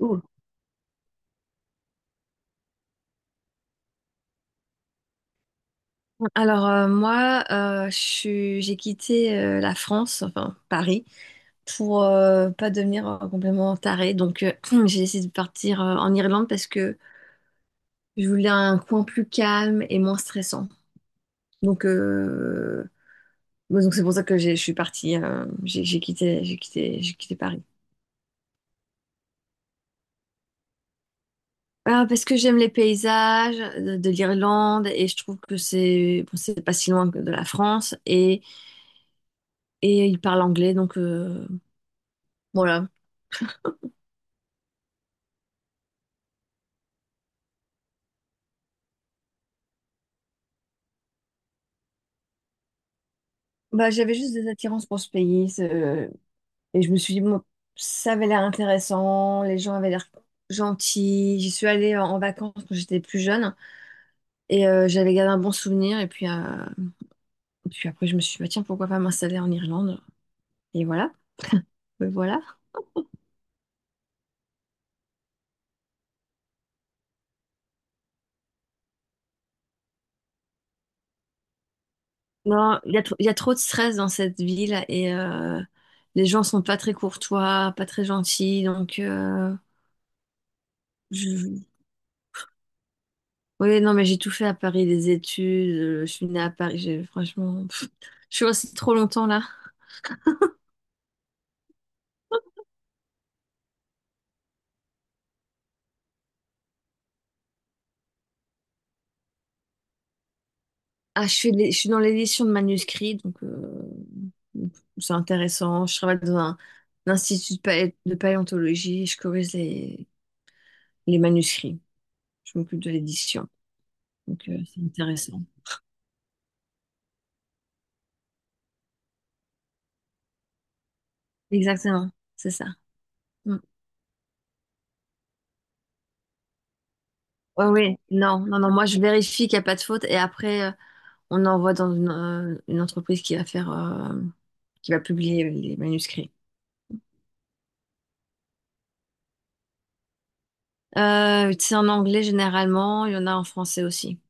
Ouh. Alors, moi, j'ai quitté la France, enfin Paris, pour pas devenir complètement tarée. Donc j'ai décidé de partir en Irlande, parce que je voulais un coin plus calme et moins stressant. Donc bon, donc c'est pour ça que je suis partie, j'ai quitté, Paris. Ah, parce que j'aime les paysages de l'Irlande, et je trouve que c'est bon, c'est pas si loin que de la France, et ils parlent anglais, donc voilà. Bah, j'avais juste des attirances pour ce pays. Et je me suis dit, moi, ça avait l'air intéressant, les gens avaient l'air gentils. J'y suis allée en vacances quand j'étais plus jeune, et j'avais gardé un bon souvenir. Et puis, après, je me suis dit, bah, tiens, pourquoi pas m'installer en Irlande? Et voilà, me voilà. Non, il y a trop de stress dans cette ville, et les gens sont pas très courtois, pas très gentils. Donc, je- oui, non, mais j'ai tout fait à Paris, des études, je suis née à Paris, franchement. Je suis restée trop longtemps là. Ah, je suis dans l'édition de manuscrits, donc c'est intéressant. Je travaille dans un institut de paléontologie, et je corrige les manuscrits. Je m'occupe de l'édition, donc c'est intéressant. Exactement, c'est ça. Mm. Ouais, ouais. Non, non, non. Moi, je vérifie qu'il n'y a pas de faute, et après, on envoie dans une entreprise qui va faire, qui va publier les manuscrits. C'est en anglais généralement. Il y en a en français aussi.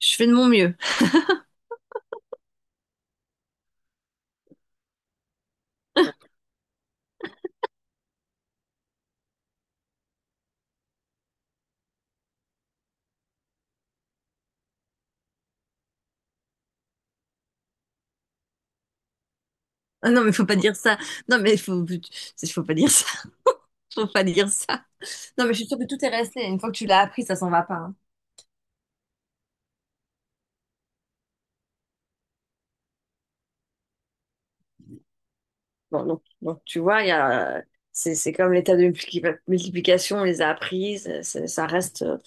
Je fais de mon mieux. Ah non, mais faut pas dire ça. Non, mais faut pas dire ça. Faut pas dire ça. Non, mais je suis sûre que tout est resté. Une fois que tu l'as appris, ça s'en va pas, hein. Bon, donc, tu vois, c'est comme l'état de multiplication, on les a appris, ça, ça reste.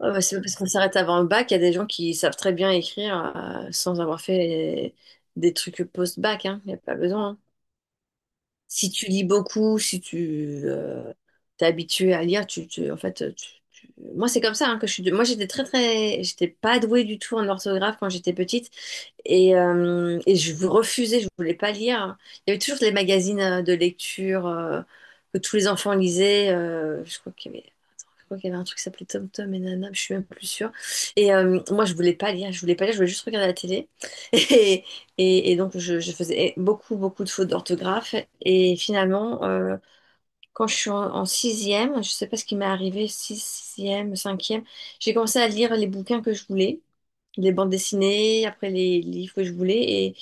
Ouais, bah, c'est pas parce qu'on s'arrête avant le bac, il y a des gens qui savent très bien écrire, sans avoir fait des trucs post-bac, hein. Il n'y a pas besoin, hein. Si tu lis beaucoup, si tu, t'es habitué à lire, en fait, moi c'est comme ça, hein, que je suis. Moi j'étais pas douée du tout en orthographe quand j'étais petite, et je refusais, je voulais pas lire. Il y avait toujours les magazines de lecture, que tous les enfants lisaient. Je crois qu'il y avait, attends, je crois qu'il y avait un truc qui s'appelait Tom Tom et Nana, mais je suis même plus sûre. Et moi, je voulais pas lire, je voulais juste regarder la télé. Et donc je faisais beaucoup beaucoup de fautes d'orthographe, et finalement, quand je suis en sixième, je ne sais pas ce qui m'est arrivé, sixième, cinquième, j'ai commencé à lire les bouquins que je voulais, les bandes dessinées, après les livres que je voulais. Et,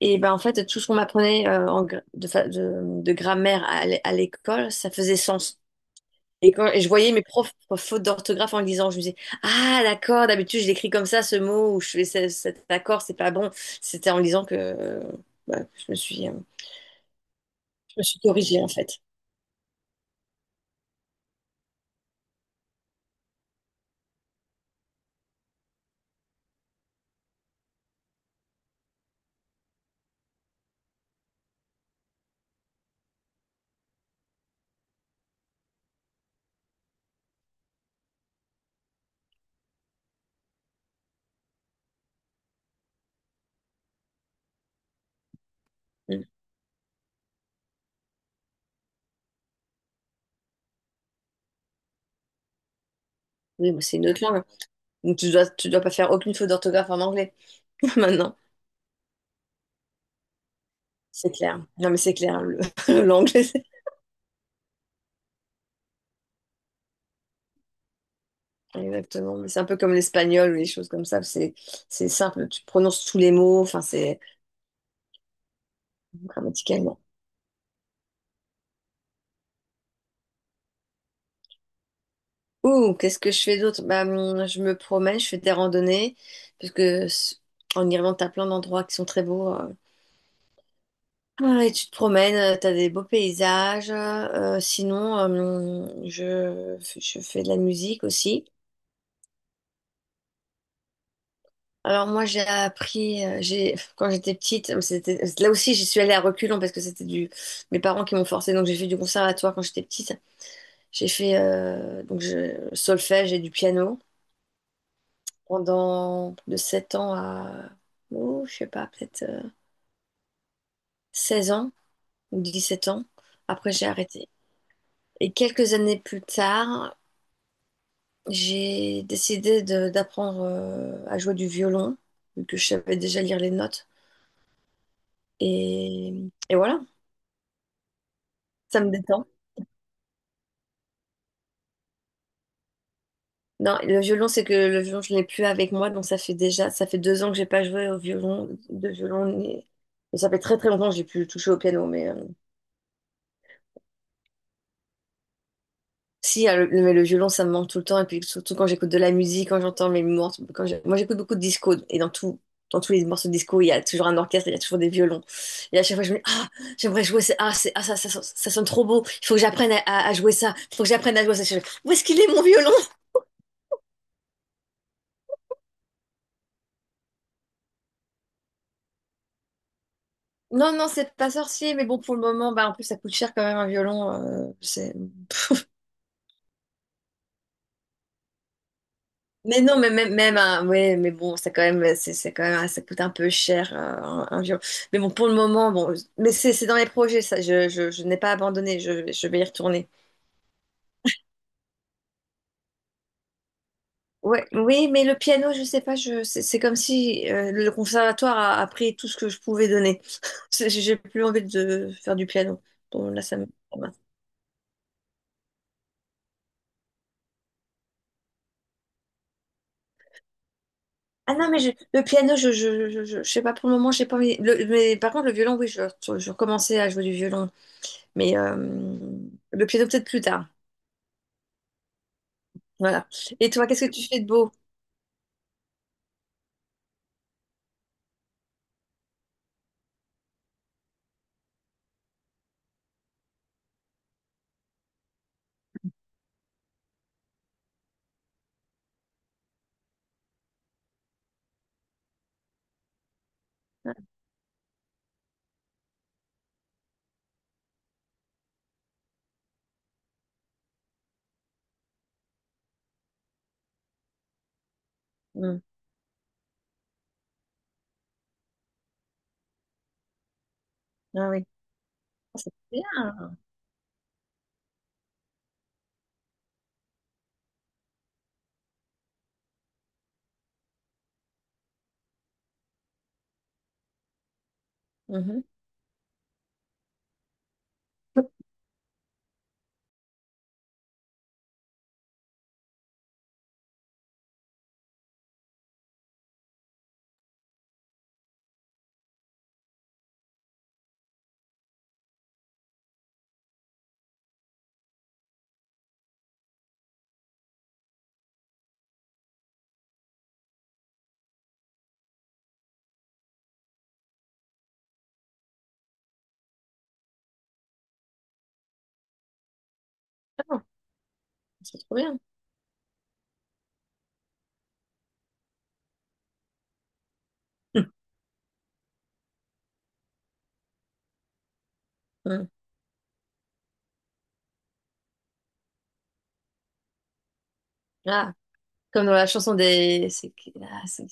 et ben, en fait, tout ce qu'on m'apprenait en gra- de, fa- de grammaire à l'école, ça faisait sens. Et je voyais mes profs fautes d'orthographe en le lisant, je me disais, ah d'accord, d'habitude je l'écris comme ça ce mot, ou je fais cet accord, c'est pas bon. C'était en lisant que, bah, je me suis corrigée en fait. Mm. Oui, moi, c'est une autre langue. Donc tu dois pas faire aucune faute d'orthographe en anglais maintenant. C'est clair. Non, mais c'est clair. L'anglais, c'est- exactement. Mais c'est un peu comme l'espagnol ou les choses comme ça. C'est simple. Tu prononces tous les mots. Enfin, c'est grammaticalement. Ouh, qu'est-ce que je fais d'autre? Bah, je me promène, je fais des randonnées. Parce que en Irlande, t'as plein d'endroits qui sont très beaux. Ah, et tu te promènes, t'as des beaux paysages. Sinon, je fais de la musique aussi. Alors moi j'ai appris, j'ai quand j'étais petite, c'était là aussi, j'y suis allée à reculons parce que c'était du mes parents qui m'ont forcée, donc j'ai fait du conservatoire quand j'étais petite. J'ai fait donc solfège et du piano pendant de 7 ans, à oh, je sais pas, peut-être 16 ans ou 17 ans. Après j'ai arrêté. Et quelques années plus tard, j'ai décidé d'apprendre à jouer du violon, vu que je savais déjà lire les notes, et et voilà, ça me détend. Non, le violon, c'est que le violon, je l'ai plus avec moi, donc ça fait 2 ans que j'ai pas joué de violon, et ça fait très très longtemps que j'ai plus touché au piano, mais si, le violon, ça me manque tout le temps, et puis surtout quand j'écoute de la musique, quand j'entends mes morceaux, moi j'écoute beaucoup de disco, et dans tous les morceaux de disco, il y a toujours un orchestre, il y a toujours des violons, et à chaque fois je me dis, ah, j'aimerais jouer, ça sonne trop beau, il faut que j'apprenne à jouer ça, il faut que j'apprenne à jouer ça. Où est-ce qu'il est mon violon? Non, non, c'est pas sorcier, mais bon, pour le moment, bah, en plus, ça coûte cher quand même, un violon. C'est... Mais non, mais même un, ouais, mais bon, ça quand même, c'est quand même, ça coûte un peu cher, un violon. Mais bon, pour le moment, bon, mais c'est dans les projets, ça, je n'ai pas abandonné, je vais y retourner. Ouais, oui, mais le piano, je sais pas, c'est comme si le conservatoire a pris tout ce que je pouvais donner. J'ai plus envie de faire du piano. Bon, là, ça me... Ah non, mais le piano, je sais pas pour le moment, j'ai pas envie. Mais par contre, le violon, oui, je recommençais à jouer du violon. Mais le piano, peut-être plus tard. Voilà. Et toi, qu'est-ce que tu fais de beau? Hmm. Ah oui. Oh, c'est trop bien. Mhm. Ah, c'est trop bien. Hmm. Ah, comme dans la chanson des. C'est... ah,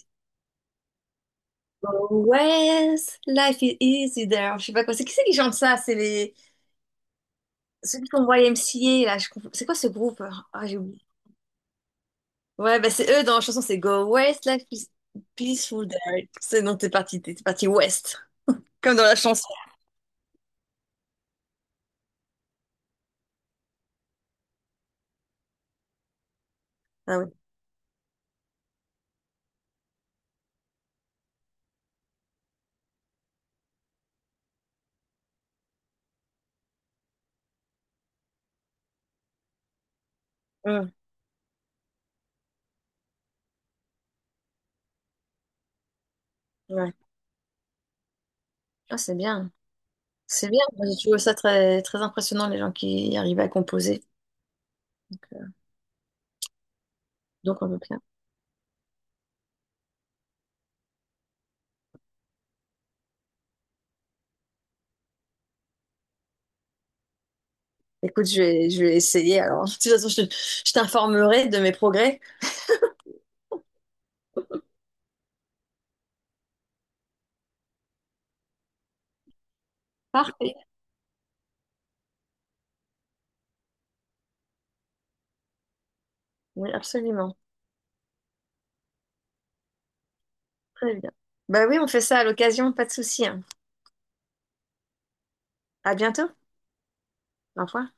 Always, life is easy there. Je sais pas quoi. C'est qui chante ça? C'est les... ceux qui font YMCA, là. C'est quoi ce groupe? Ah, j'ai oublié. Ouais, bah c'est eux dans la chanson, c'est Go West, like peaceful day. C'est non, t'es parti West, comme dans la chanson. Ah oui. Ouais. Ouais. Ah, c'est bien. C'est bien. Moi, j'ai trouvé ça très, très impressionnant, les gens qui arrivent à composer. Donc, euh, donc, on peut bien. Écoute, je vais essayer. Alors, de toute façon, je t'informerai de mes progrès. Parfait. Oui, absolument. Très bien. Bah oui, on fait ça à l'occasion, pas de souci, hein. À bientôt. Au revoir.